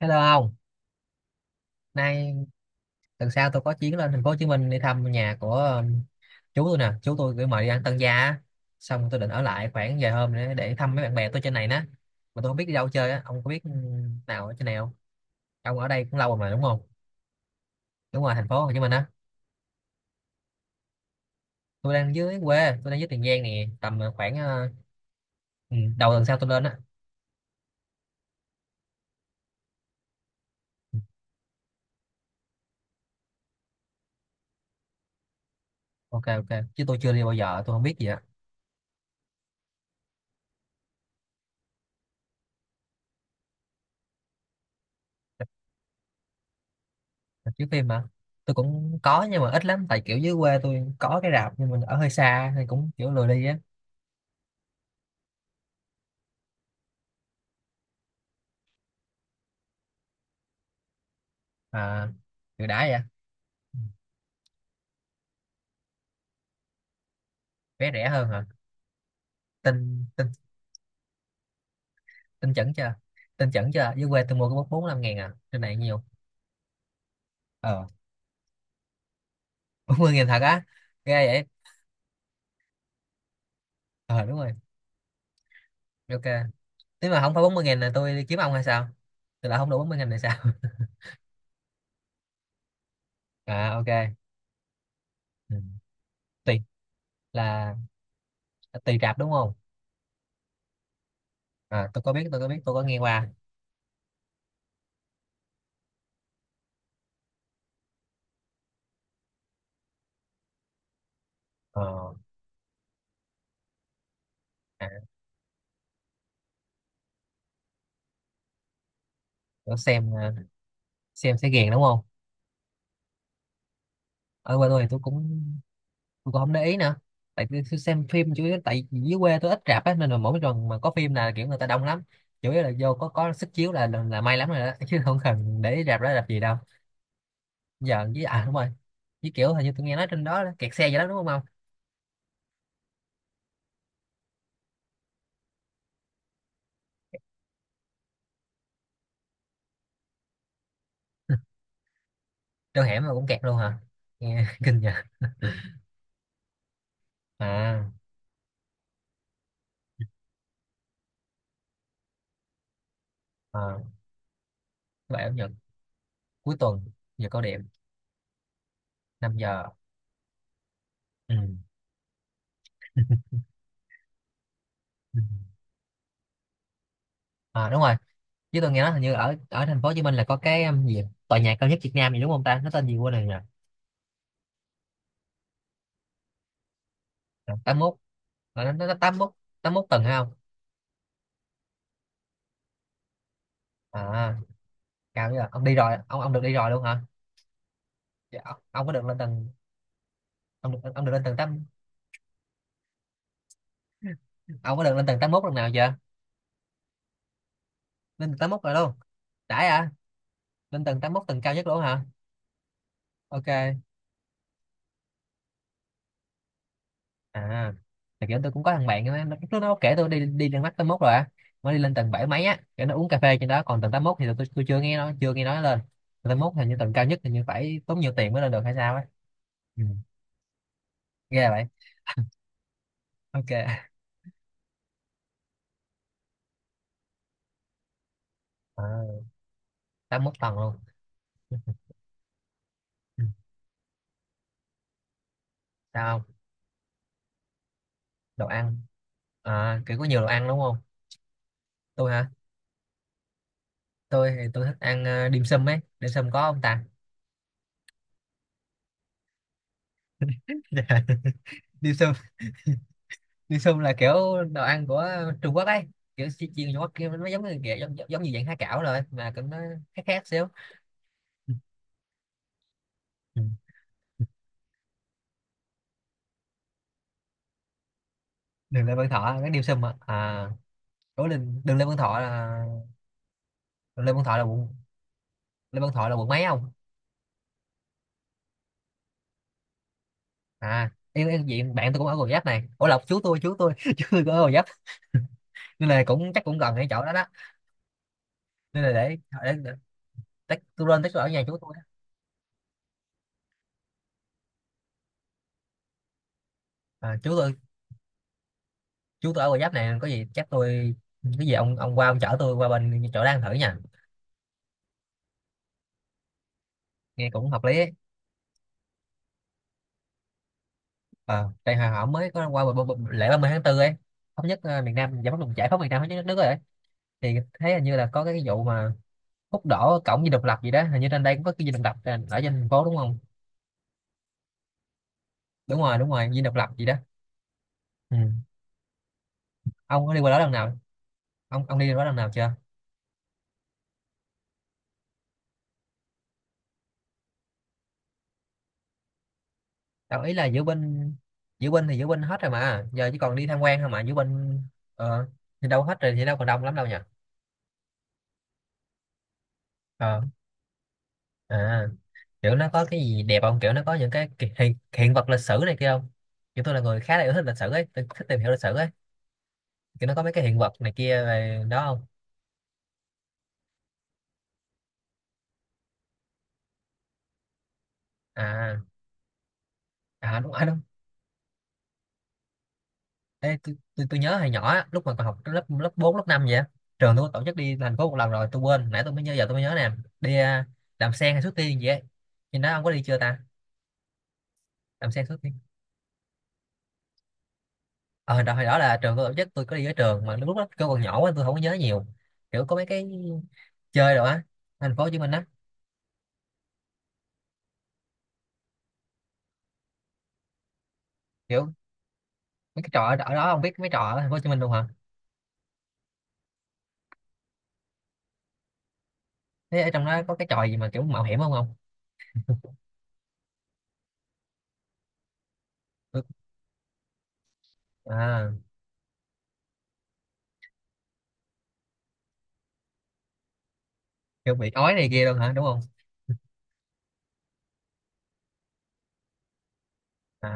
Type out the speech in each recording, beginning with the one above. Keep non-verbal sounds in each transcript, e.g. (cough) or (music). Hello ông, nay tuần sau tôi có chuyến lên thành phố Hồ Chí Minh đi thăm nhà của chú tôi nè, chú tôi gửi mời đi ăn tân gia á. Xong tôi định ở lại khoảng vài hôm nữa để thăm mấy bạn bè tôi trên này nè. Mà tôi không biết đi đâu chơi á, ông có biết nào ở trên này không? Ông ở đây cũng lâu rồi mà đúng không? Đúng rồi, thành phố Hồ Chí Minh á. Tôi đang dưới quê, tôi đang dưới Tiền Giang nè, tầm khoảng ừ, đầu tuần sau tôi lên á. Ok ok, chứ tôi chưa đi bao giờ, tôi không biết gì á. Chiếu phim mà. Tôi cũng có nhưng mà ít lắm tại kiểu dưới quê tôi có cái rạp nhưng mình ở hơi xa thì cũng kiểu lười đi á. À, từ đã vậy. Vé rẻ hơn hả? Tin tin tin chuẩn chưa? Tin chuẩn chưa, dưới quê tôi mua có bốn bốn năm ngàn à, trên này nhiều ờ. (laughs) 40 ngàn thật á? Ghê vậy. Ờ đúng rồi. Ok, nếu mà không phải 40 ngàn là tôi đi kiếm ông hay sao. Tôi lại không đủ 40 ngàn này sao? (laughs) À ok. Ừ. Tùy là tùy rạp đúng không. À tôi có biết, tôi có biết, tôi có nghe qua. Ờ. À, tôi xem xem sẽ ghiền đúng không. Ở quê tôi thì tôi cũng, tôi cũng không để ý nữa. Tại tôi xem phim chủ yếu tại dưới quê tôi ít rạp á nên là mỗi lần mà có phim là kiểu người ta đông lắm. Chủ yếu là vô có sức chiếu là may lắm rồi đó. (laughs) Chứ không cần để ý rạp đó rạp gì đâu giờ với à đúng rồi. Với kiểu hình như tôi nghe nói trên đó kẹt xe vậy đó đúng không không. Trong (laughs) hẻm mà cũng kẹt luôn hả? Nghe (laughs) kinh nhờ. À, à, vậy ở Nhật cuối tuần giờ cao điểm 5 giờ. Ừ. Ừ. À đúng rồi. Chứ tôi nghe nói hình như ở ở thành phố Hồ Chí Minh là có cái gì tòa nhà cao nhất Việt Nam gì đúng không ta, nó tên gì quên rồi nhỉ. 81. Là nó 81. 81 tầng hay không? À, cao chứ. Là ông đi rồi, ông được đi rồi luôn hả? Dạ, ông có được lên tầng, ông được lên tầng 8, ông có được lên tầng 81 lần nào chưa? Lên tầng tám mốt rồi luôn? Đãi à. Lên tầng tám mốt tầng cao nhất luôn hả? Ok. À thì kiểu tôi cũng có thằng bạn á nó- lúc nó kể tôi đi đi lên mắt 81 rồi á. Mới đi lên tầng 7 mấy á, kiểu nó uống cà phê trên đó, còn tầng 81 thì tôi chưa nghe, nó chưa nghe nói lên tầng 81. Hình như tầng cao nhất thì như phải tốn nhiều tiền mới lên được hay sao á. Ừ. Ghê vậy. Ok. À, 81 tầng luôn. Ừ. Sao không? Đồ ăn. À, kiểu có nhiều đồ ăn đúng không. Tôi hả? Tôi thì tôi thích ăn dim sum ấy, dim sum có không ta? (laughs) Dạ. Dim sum. (laughs) Dim sum là kiểu đồ ăn của Trung Quốc ấy, kiểu chiên Trung Quốc kia, nó giống như kiểu, giống, giống như dạng há cảo rồi mà cũng nó khác khác xíu. Ừ. Ừ. Đường Lê Văn Thọ cái dim sum à, à đối đường, đường Lê Văn Thọ là, đường Lê Văn Thọ là quận, Lê Văn Thọ là quận mấy không? À em diện bạn tôi cũng ở Gò Vấp này, ủa lộc chú tôi, chú tôi (laughs) chú tôi cũng ở Gò Vấp nên là cũng chắc cũng gần cái chỗ đó đó. Nên là để, để tách tôi lên tách tôi ở nhà chú tôi á. À, chú tôi, chú tôi ở Gò Vấp này có gì chắc tôi, cái gì ông qua ông chở tôi qua bên chỗ đang thử nha. Nghe cũng hợp lý ấy. À, tại hồi họ mới có qua lễ 30 tháng 4 ấy, thống nhất miền Nam giải phóng giải phóng miền Nam thống nhất đất nước rồi ấy. Thì thấy hình như là có cái vụ mà hút đỏ cổng Dinh Độc Lập gì đó, hình như trên đây cũng có cái Dinh Độc Lập trên- ở trên thành phố đúng không? Đúng rồi đúng rồi, Dinh Độc Lập gì đó. Ừ. Ông có đi qua đó lần nào? Ông đi qua đó lần nào chưa? Đâu ý là diễu binh. Diễu binh thì diễu binh hết rồi mà giờ chỉ còn đi tham quan thôi mà diễu binh. Ờ thì đâu hết rồi thì đâu còn đông lắm đâu nhỉ. Ờ. À kiểu nó có cái gì đẹp không, kiểu nó có những cái hiện, hiện vật lịch sử này kia không. Kiểu tôi là người khá là yêu thích lịch sử ấy, tôi thích tìm hiểu lịch sử ấy. Kiểu nó có mấy cái hiện vật này kia về đó không? À à đúng à đúng. Ê, tôi nhớ hồi nhỏ á, lúc mà còn học lớp lớp 4 lớp 5 vậy á, trường tôi có tổ chức đi thành phố một lần rồi tôi quên, nãy tôi mới nhớ giờ tôi mới nhớ nè. Đi làm sen hay xuất tiên gì ấy, nhưng đó ông có đi chưa ta? Làm sen xuất tiên. Ờ đợt hồi đó là trường tôi tổ chức, tôi có đi với trường mà lúc đó tôi còn nhỏ quá tôi không có nhớ nhiều, kiểu có mấy cái chơi rồi á, thành phố Hồ Chí Minh á. Kiểu mấy cái trò ở ở đó, không biết mấy trò ở thành phố Hồ Chí Minh luôn hả? Thế ở trong đó có cái trò gì mà kiểu mạo hiểm không không? Tôi-, à, kiểu bị ói này kia luôn hả đúng không? À,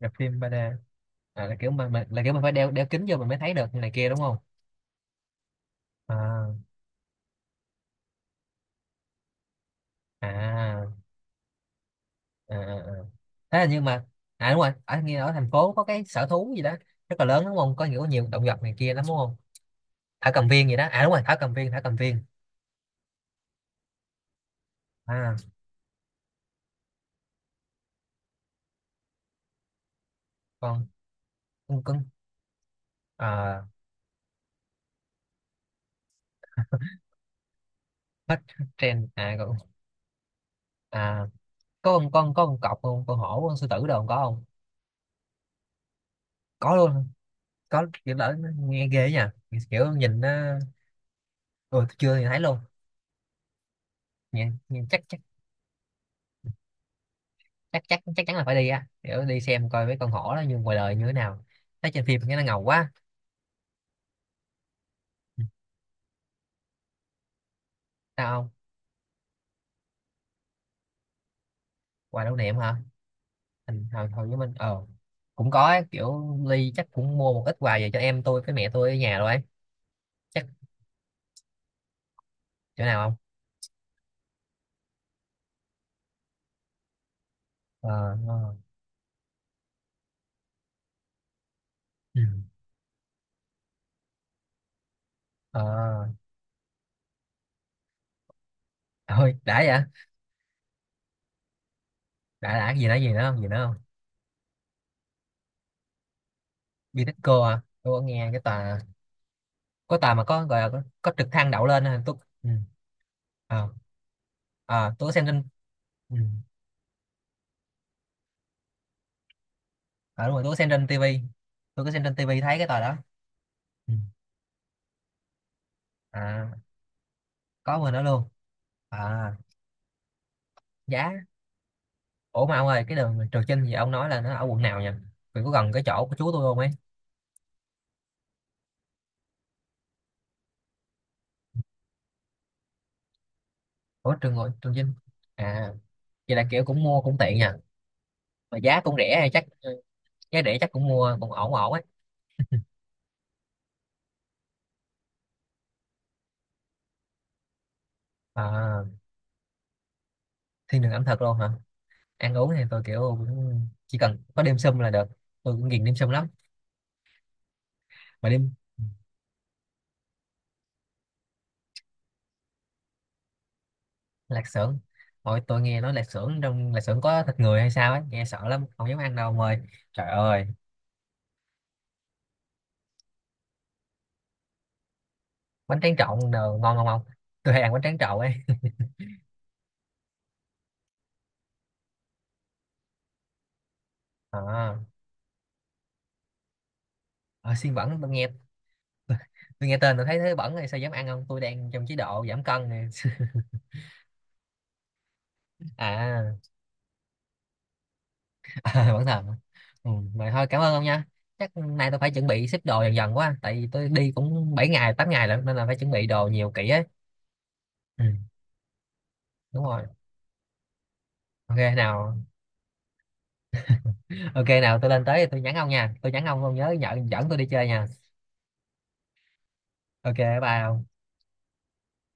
gặp phim ba d. À, là kiểu mà là kiểu mình phải đeo đeo kính vô mình mới thấy được này kia đúng không? À. À. À, à. À. Thế là nhưng mà à đúng rồi, ở nghe ở thành phố có cái sở thú gì đó rất là lớn đúng không, có nhiều nhiều động vật này kia lắm đúng không? Thảo cầm viên gì đó, à đúng rồi thảo cầm viên thảo cầm viên. À con con con. À, hết trend à con? À có con có con cọp không, con hổ con sư tử đâu có không? Có luôn hả? Có, kiểu lỡ nó nghe ghê ấy nha, kiểu nhìn nó. Ừ, chưa thì thấy luôn. Nhìn, nhìn chắc chắc chắc chắc chắc chắn là phải đi á, kiểu đi xem coi mấy con hổ đó như ngoài đời như thế nào, thấy trên phim nghe nó ngầu quá. Ừ, sao không? Quà lưu niệm hả? Thành hồi hồi với mình cũng có ấy, kiểu Ly chắc cũng mua một ít quà về cho em tôi với mẹ tôi ở nhà rồi ấy. Chắc. Chỗ nào không? Ờ, ừ. Ờ, thôi đã vậy đã. Đã cái gì nữa, gì nữa không, gì nữa không? Bitexco à, tôi có nghe cái tòa, có tòa mà có gọi là có trực thăng đậu lên à tôi. Ừ. Ờ, ờ, tôi có xem trên. Ừ. À, đúng rồi tôi có xem trên tivi, tôi có xem trên tivi thấy cái tòa đó. Ừ. À có người đó luôn. À giá. Ủa mà ông ơi, cái đường Trường Chinh gì ông nói là nó ở quận nào nhỉ? Vì có gần cái chỗ của chú tôi không ấy. Ủa Trường Ngộ Trường Chinh. À vậy là kiểu cũng mua cũng tiện nhỉ. Mà giá cũng rẻ hay chắc giá rẻ chắc cũng mua cũng ổn ổn ấy. À, thiên đường ẩm thực luôn hả? Ăn uống thì tôi kiểu cũng chỉ cần có đêm sum là được, tôi cũng ghiền đêm sum lắm. Mà đêm, lạc xưởng. Hồi tôi nghe nói lạc xưởng, trong lạc xưởng có thịt người hay sao ấy, nghe sợ lắm không dám ăn đâu ông ơi. Trời ơi. Bánh tráng trộn đồ ngon không ông, tôi hay ăn bánh tráng trộn ấy. À, ở xiên bẩn tôi nghe, tôi nghe tên tôi thấy thấy bẩn rồi sao dám ăn, không tôi đang trong chế độ giảm cân này. (laughs) À. (laughs) Ờ, vẫn thầm. Ừ, vậy thôi cảm ơn ông nha. Chắc nay tôi phải chuẩn bị xếp đồ dần dần quá, tại vì tôi đi cũng 7 ngày 8 ngày lận nên là phải chuẩn bị đồ nhiều kỹ ấy. Ừ, đúng rồi. Ok nào. Ok nào, tôi lên tới thì tôi nhắn ông nha, tôi nhắn ông nhớ nhờ, dẫn tôi đi chơi nha. Ok, bye ông.